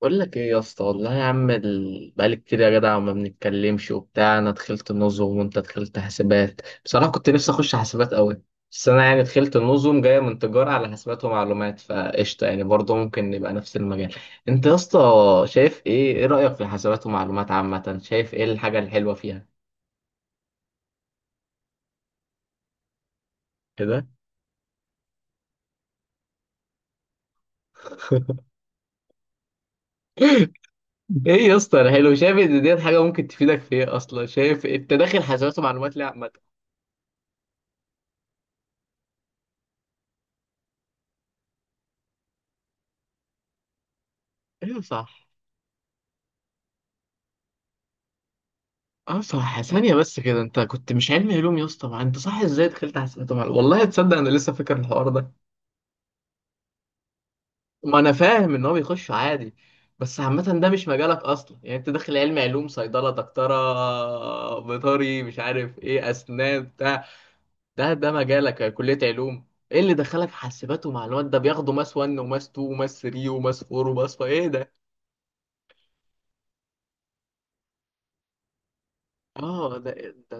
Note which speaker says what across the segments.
Speaker 1: بقول لك ايه يا اسطى، والله يا عم، بقالي كتير يا جدع ما بنتكلمش وبتاع. انا دخلت النظم وانت دخلت حاسبات. بصراحه كنت نفسي اخش حاسبات قوي. بس انا يعني دخلت النظم جايه من تجاره على حاسبات ومعلومات، فقشطه يعني برضه ممكن نبقى نفس المجال. انت يا اسطى شايف ايه رايك في حاسبات ومعلومات عامه؟ شايف ايه الحاجه الحلوه فيها؟ كده؟ ايه يا اسطى الحلو؟ شايف ان ديت حاجه ممكن تفيدك في ايه اصلا؟ شايف إيه؟ انت داخل حاسبات ومعلومات ليه عامه؟ ايوه صح. اه صح. ثانية بس كده، انت كنت مش علمي علوم يا اسطى، ما انت صح، ازاي دخلت حاسبات ومعلومات؟ والله تصدق انا لسه فاكر الحوار ده. ما انا فاهم ان هو بيخش عادي، بس عامة ده مش مجالك اصلا يعني. انت داخل علمي علوم، صيدلة، دكتورة، بيطري، مش عارف ايه، اسنان، بتاع. ده مجالك كلية علوم. ايه اللي دخلك حاسبات ومعلومات؟ ده بياخدوا ماس 1 وماس 2 وماس 3 وماس 4 وماس 5، ايه ده؟ اه ده. ده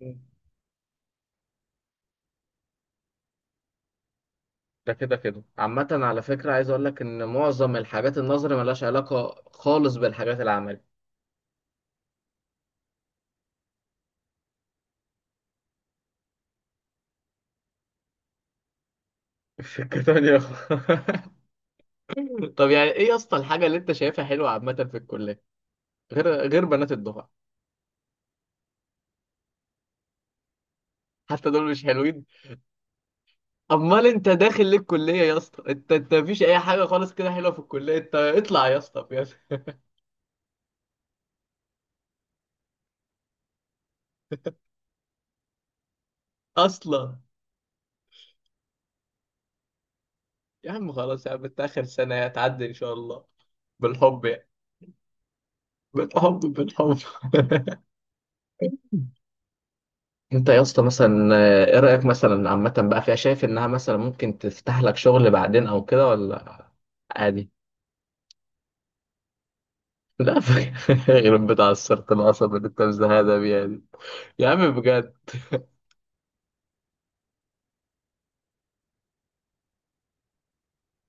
Speaker 1: ده كده كده عامة. على فكرة، عايز أقول لك إن معظم الحاجات النظري ملهاش علاقة خالص بالحاجات العملي. سكة تانية خالص. طب يعني إيه يا اسطى الحاجة اللي أنت شايفها حلوة عامة في الكلية، غير بنات الدفعة؟ حتى دول مش حلوين؟ أمال أنت داخل ليه الكلية يا اسطى؟ أنت مفيش أي حاجة خالص كده حلوة في الكلية؟ أنت اطلع يا اسطى بجد. أصلا، يا عم خلاص يا عم، أنت آخر سنة هتعدي إن شاء الله، بالحب يعني. بالحب. انت يا اسطى مثلا، ايه رأيك مثلا عامة بقى فيها؟ شايف انها مثلا ممكن تفتح لك شغل بعدين او كده، ولا عادي؟ لا. غير بتاع السرطان العصب اللي انت مزهقها بيها دي. يا عم بجد.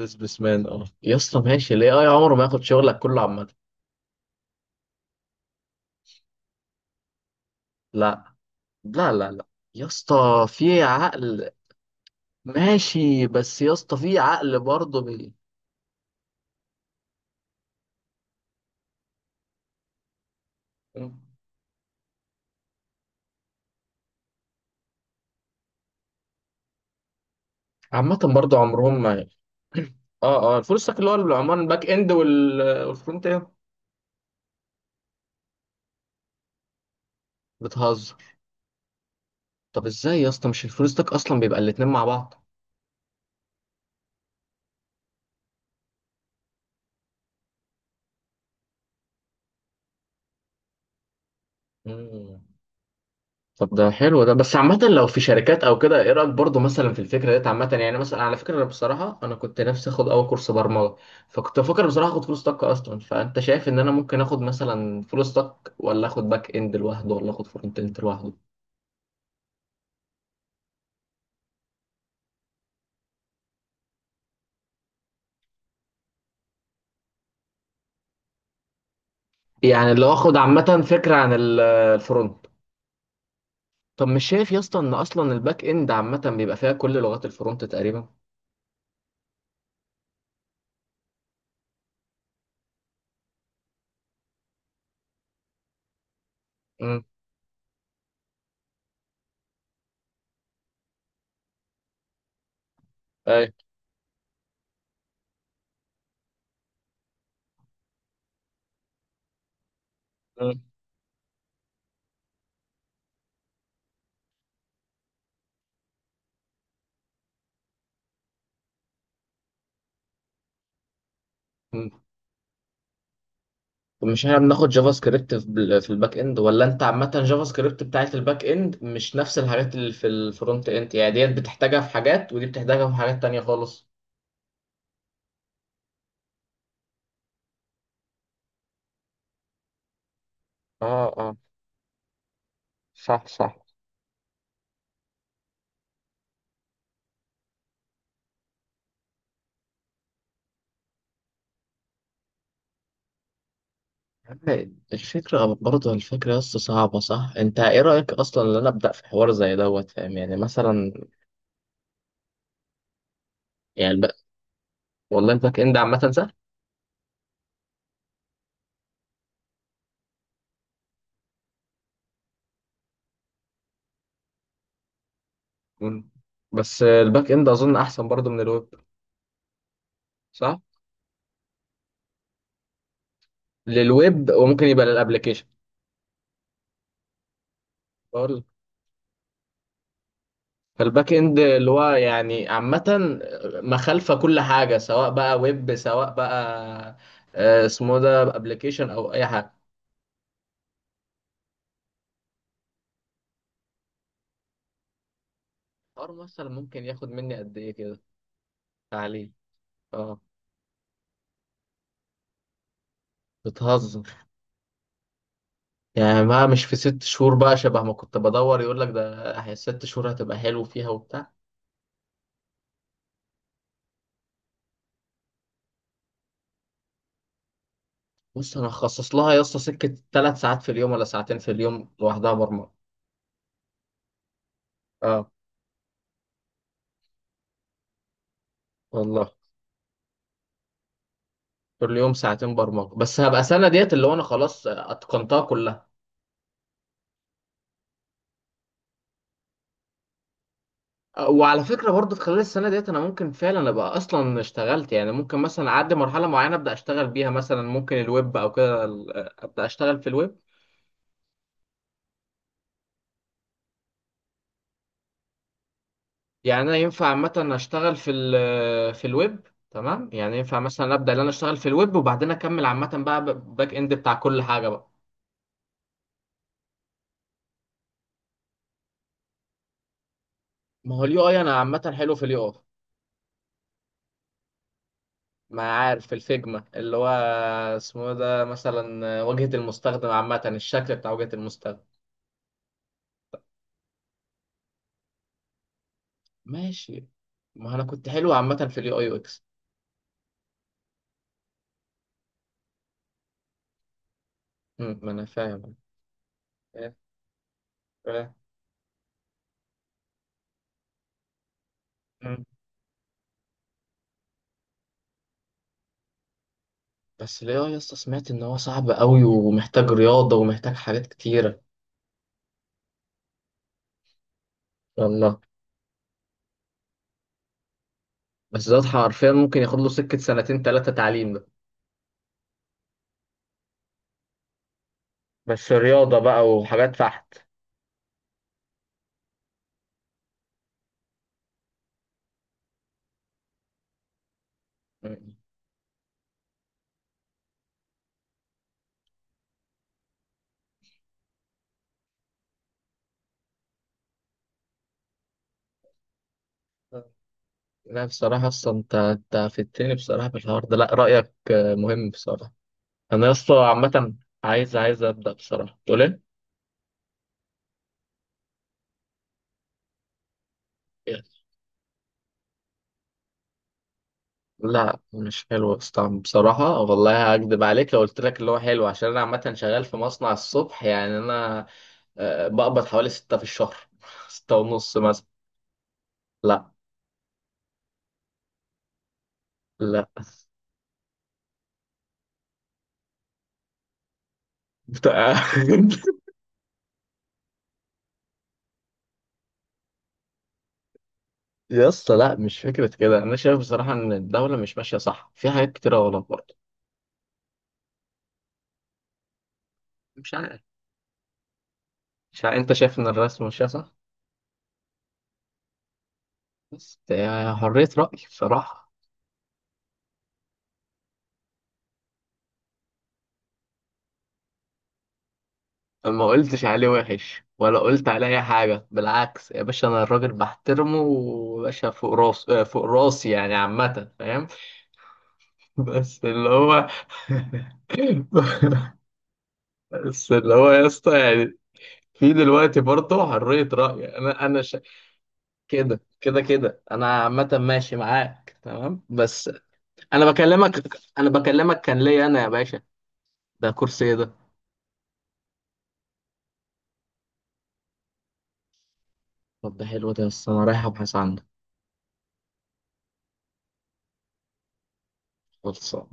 Speaker 1: بزنس مان، اه يا اسطى ماشي، ليه اي عمره ما ياخد شغلك كله عامة. لا لا لا. يا اسطى في عقل. ماشي، بس يا اسطى في عقل برضه عامة برضه عمرهم ما. اه الفول ستاك اللي هو العمال الباك اند والفرونت اند. بتهزر. طب ازاي يا اسطى؟ مش الفلوسك اصلا بيبقى الاتنين مع بعض. مم. طب ده حلو ده، بس عامة لو في شركات او كده ايه رأيك برضه مثلا في الفكرة ديت عامة؟ يعني مثلا على فكرة، انا بصراحة كنت نفسي اخد اول كورس برمجة. فكنت بفكر بصراحة اخد فلوس طاقة اصلا، فانت شايف ان انا ممكن اخد مثلا فلوس طاقة، ولا اخد باك اند لوحده، ولا اخد فرونت اند لوحده؟ يعني لو اخد عامة فكرة عن الفرونت. طب مش شايف يا اسطى ان اصلا الباك اند عامة بيبقى فيها كل لغات الفرونت تقريبا؟ امم. اي، مش احنا بناخد جافا سكريبت في في الباك اند؟ ولا انت عامة جافا سكريبت بتاعت الباك اند مش نفس الحاجات اللي في الفرونت اند، يعني ديت بتحتاجها في حاجات ودي بتحتاجها في حاجات تانية خالص؟ اه اه. صح. الفكرة برضه الفكرة بس صعبة صح؟ أنت إيه رأيك أصلا إن أنا أبدأ في حوار زي دوت؟ فاهم يعني مثلا. يعني الب... والله الباك إند عامة سهل. مم. بس الباك إند أظن أحسن برضه من الويب، صح؟ للويب، وممكن يبقى للأبليكيشن. فالباك اند اللي هو يعني عامة مخالفة كل حاجة، سواء بقى ويب، سواء بقى اسمه ده ابلكيشن او اي حاجة. الحوار مثلا ممكن ياخد مني قد ايه كده تعليم؟ اه. بتهزر. يعني بقى مش في ست شهور بقى، شبه ما كنت بدور يقول لك ده، هي ست شهور هتبقى حلو فيها وبتاع. بص انا هخصص لها يا اسطى سكة ثلاث ساعات في اليوم، ولا ساعتين في اليوم لوحدها برمجة. اه. والله. كل يوم ساعتين برمجة بس هبقى سنة ديت اللي هو انا خلاص اتقنتها كلها. وعلى فكرة برضه خلال السنة ديت أنا ممكن فعلا أبقى أصلا اشتغلت، يعني ممكن مثلا أعدي مرحلة معينة أبدأ أشتغل بيها، مثلا ممكن الويب أو كده أبدأ أشتغل في الويب. يعني أنا ينفع عامة أشتغل في في الويب تمام؟ يعني ينفع مثلا أبدأ إن أنا أشتغل في الويب وبعدين أكمل عامة بقى باك إند بتاع كل حاجة بقى؟ ما هو اليو أي أنا عامة حلو في اليو أي. ما عارف في الفيجما اللي هو اسمه إيه ده، مثلا واجهة المستخدم عامة، الشكل بتاع واجهة المستخدم. ماشي. ما أنا كنت حلو عامة في اليو أي. مم، ما انا فاهم. فاهم- فاهم. مم. بس ليه يا اسطى؟ سمعت ان هو صعب قوي ومحتاج رياضه ومحتاج حاجات كتيره. والله. بس ده حرفيا ممكن ياخد له سكه سنتين ثلاثه تعليم ده. بس رياضه بقى وحاجات فحت. مم. لا بصراحه اصلا، انت فدتني بصراحه في الحوار ده، لا رايك مهم بصراحه. انا يا اسطى عامه عايز ابدا بصراحه، تقول ايه؟ لا مش حلو يا اسطى بصراحة، والله هكدب عليك لو قلت لك اللي هو حلو، عشان أنا عامة شغال في مصنع الصبح، يعني أنا بقبض حوالي ستة في الشهر. ستة ونص مثلا. لا. لا بتاع- يا اسطى لا مش فكرة كده، أنا شايف بصراحة إن الدولة مش ماشية صح في حاجات كتيرة غلط برضه. مش عارف. مش عارف، أنت شايف إن الرئيس ماشية صح؟ بس هي حرية رأي بصراحة. ما قلتش عليه وحش ولا قلت عليه اي حاجه، بالعكس يا باشا انا الراجل بحترمه وباشا فوق راس، فوق راسي يعني عامه، فاهم؟ بس اللي هو. بس اللي هو يا اسطى يعني، في دلوقتي برضه حريه راي، كده انا عامه ماشي معاك تمام بس. انا بكلمك. انا بكلمك كان ليا انا يا باشا، ده كرسي ايه ده؟ طب ده حلو ده يا اسطى، انا رايح ابحث عنه. خلصان